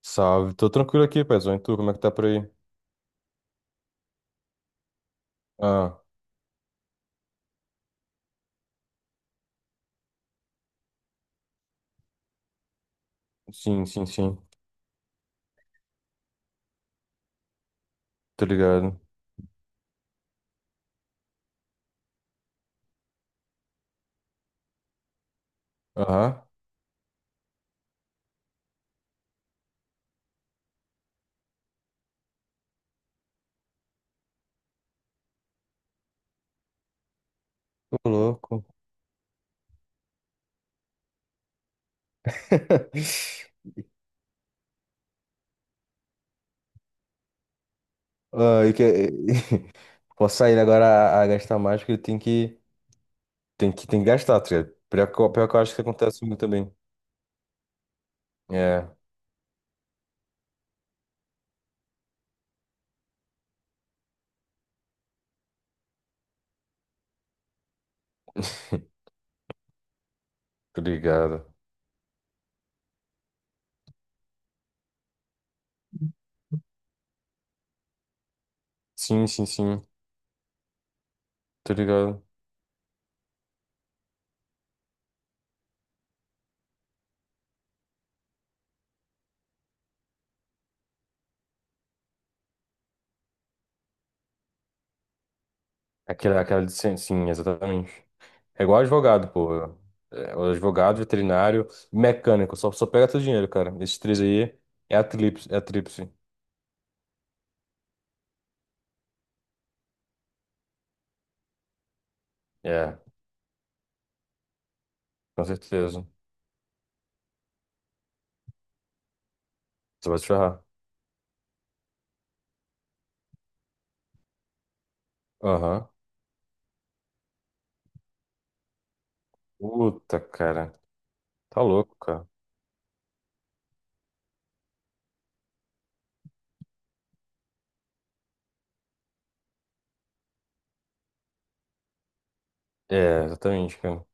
Salve, tô tranquilo aqui, paizão. E tu, como é que tá por aí? Ah, sim, sim, sim. Tô ligado. Aham, tô louco. Ah, e que... vou sair agora a gastar mais, porque tem que, tem que gastar, tá ligado? Pior que, pior que eu acho que acontece muito também. É, tô ligado. Sim, sim, sim, tô ligado. Aquela licença, sim, exatamente. É igual advogado, pô. É, o advogado, veterinário, mecânico, só, só pega teu dinheiro, cara. Esses três aí é a tríplice, é a tríplice. É, com certeza. Você vai se ferrar. Aham. Puta, cara. Tá louco, cara. É, exatamente, cara.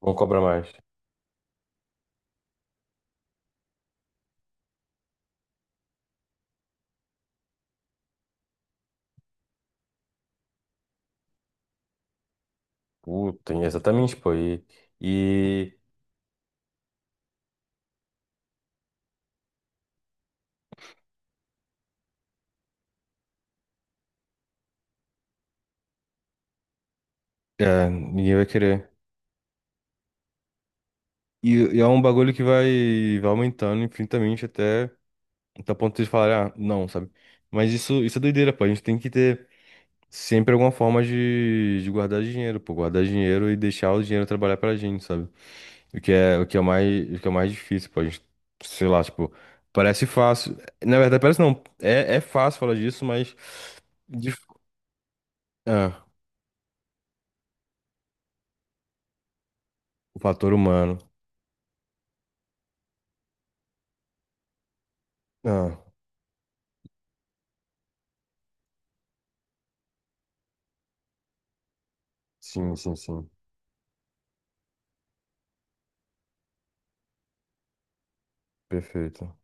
Vão cobrar mais. Puta, exatamente, pô. E... É, ninguém vai querer. E, e é um bagulho que vai, vai aumentando infinitamente até o ponto de falar, ah, não, sabe? Mas isso é doideira, pô. A gente tem que ter sempre alguma forma de guardar dinheiro, pô. Guardar dinheiro e deixar o dinheiro trabalhar pra gente, sabe? O que é mais, o que é mais difícil, pô. A gente, sei lá, tipo, parece fácil. Na verdade, parece não. É, é fácil falar disso, mas. dif- Ah, o fator humano. Ah, sim, sim, sim. Perfeito.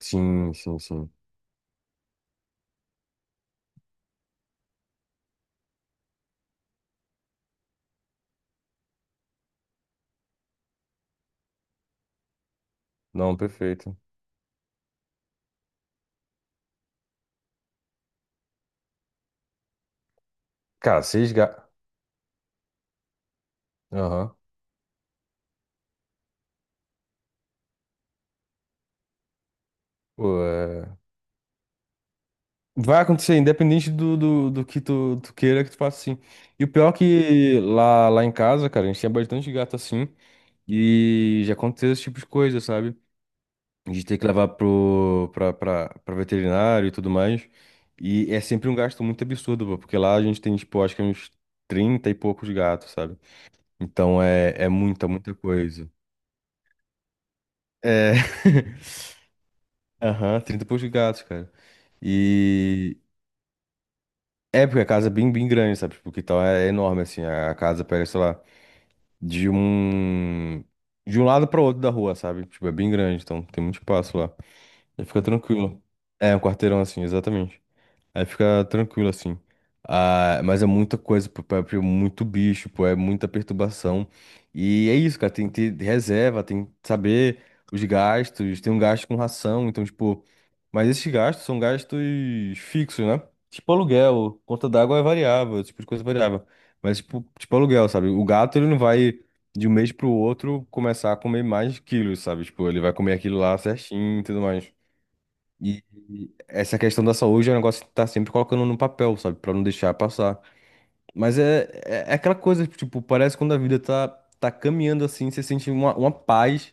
Sim, sim, sim. Não, perfeito. Cara, se esga... Aham. Pô, é... Vai acontecer, independente do que tu, tu queira que tu faça assim. E o pior é que lá, lá em casa, cara, a gente tinha bastante gato assim. E já aconteceu esse tipo de coisa, sabe? A gente tem que levar pra veterinário e tudo mais. E é sempre um gasto muito absurdo, pô, porque lá a gente tem, tipo, acho que é uns 30 e poucos gatos, sabe? Então é, é muita, muita coisa. É. Aham, 30 e poucos gatos, cara. E. É, porque a casa é bem, bem grande, sabe? Porque então é enorme, assim. A casa pega, sei lá, de um. De um lado para outro da rua, sabe? Tipo, é bem grande, então tem muito espaço lá. Aí fica tranquilo. É, um quarteirão assim, exatamente. Aí fica tranquilo, assim. Ah, mas é muita coisa, pô, pô, é muito bicho, pô, é muita perturbação. E é isso, cara, tem que ter reserva, tem que saber os gastos, tem um gasto com ração, então, tipo... Mas esses gastos são gastos fixos, né? Tipo aluguel, conta d'água é variável, esse tipo de coisa é variável. Mas, tipo, tipo aluguel, sabe? O gato, ele não vai, de um mês pro outro, começar a comer mais quilos, sabe? Tipo, ele vai comer aquilo lá certinho e tudo mais. E e essa questão da saúde é um negócio que tá sempre colocando no papel, sabe? Pra não deixar passar. Mas é, é, é aquela coisa, tipo, parece que quando a vida tá, tá caminhando assim, você sente uma paz,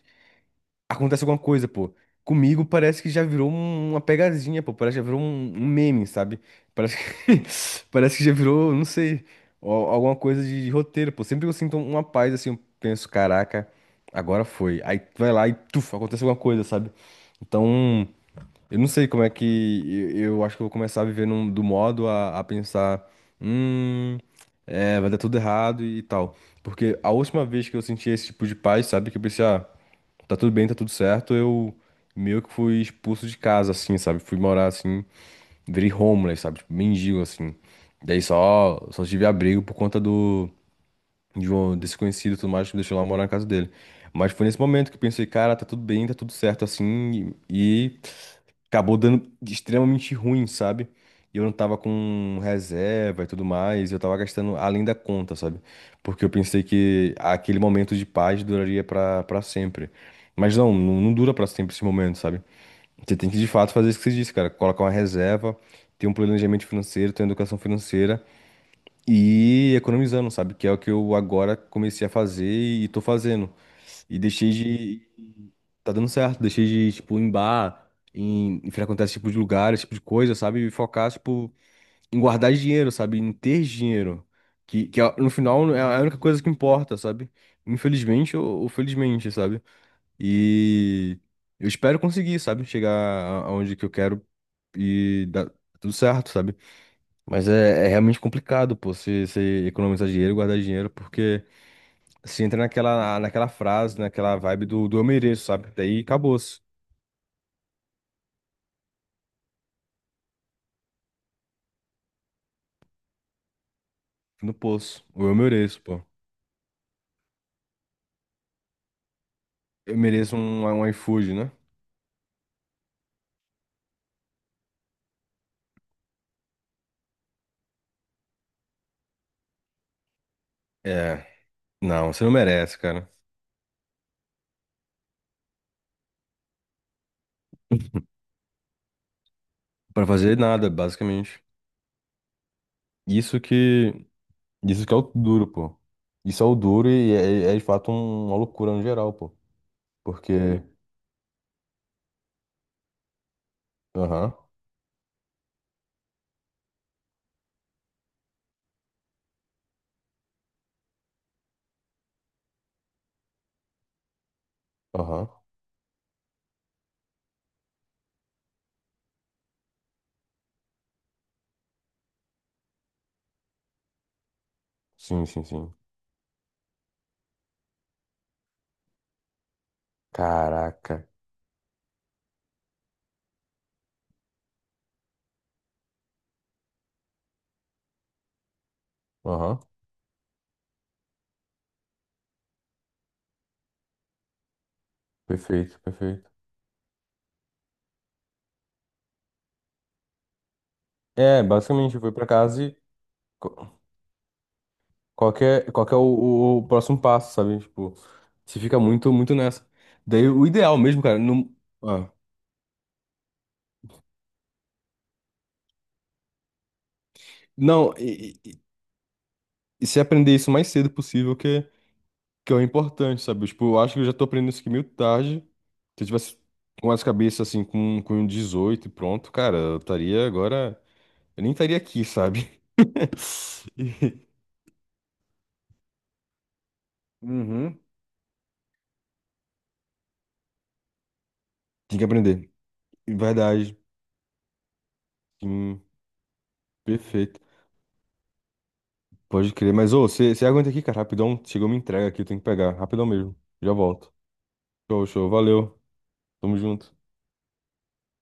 acontece alguma coisa, pô. Comigo parece que já virou uma pegadinha, pô. Parece que já virou um, um meme, sabe? Parece que, parece que já virou, não sei, alguma coisa de roteiro, pô. Sempre que eu sinto uma paz, assim, eu penso, caraca, agora foi. Aí tu vai lá e, tuf, acontece alguma coisa, sabe? Então. Eu não sei como é que. Eu acho que eu vou começar a viver do modo a pensar. Hum. É, vai dar tudo errado e tal. Porque a última vez que eu senti esse tipo de paz, sabe? Que eu pensei, ah, tá tudo bem, tá tudo certo. Eu meio que fui expulso de casa, assim, sabe? Fui morar assim, virei homeless, sabe? Tipo, mendigo, assim. Daí só, só tive abrigo por conta de um desconhecido e tudo mais que me deixou lá morar na casa dele. Mas foi nesse momento que eu pensei, cara, tá tudo bem, tá tudo certo assim. E, acabou dando extremamente ruim, sabe? E eu não tava com reserva e tudo mais, eu tava gastando além da conta, sabe? Porque eu pensei que aquele momento de paz duraria pra sempre. Mas não, não, não dura pra sempre esse momento, sabe? Você tem que de fato fazer isso que você disse, cara. Colocar uma reserva, ter um planejamento financeiro, ter uma educação financeira e ir economizando, sabe? Que é o que eu agora comecei a fazer e tô fazendo. E deixei de tá dando certo. Deixei de, tipo, em bar, em, em frequentar esse tipo de lugar, esse tipo de coisa, sabe? E focar, tipo, em guardar dinheiro, sabe? Em ter dinheiro. No final é a única coisa que importa, sabe? Infelizmente ou felizmente, sabe? E eu espero conseguir, sabe? Chegar aonde que eu quero e dar tudo certo, sabe? Mas é, é realmente complicado, pô, você economizar dinheiro, guardar dinheiro, porque você entra naquela, naquela frase, naquela vibe do eu mereço, sabe? Daí acabou. No poço. Ou eu mereço, pô. Eu mereço um, um iFood, né? É. Não, você não merece, cara. Pra fazer nada, basicamente. Isso que. Isso que é o duro, pô. Isso é o duro e é, é de fato uma loucura no geral, pô. Porque. Aham, aham. Sim, sim, sim. Caraca. Aham. Perfeito, perfeito. É, basicamente, foi pra casa e. co- qual que é o, o próximo passo, sabe? Tipo, você fica muito, muito nessa. Daí o ideal mesmo, cara. Não... Não, e se aprender isso o mais cedo possível, que, que é o importante, sabe? Tipo, eu acho que eu já tô aprendendo isso aqui meio tarde. Se eu tivesse com as cabeças assim, com 18 e pronto, cara, eu estaria agora. Eu nem estaria aqui, sabe? E- Uhum. Tem que aprender. Verdade. Sim, perfeito. Pode crer. Mas, ô, você aguenta aqui, cara, rapidão. Chegou uma entrega aqui, eu tenho que pegar. Rapidão mesmo. Já volto. Show, show. Valeu. Tamo junto.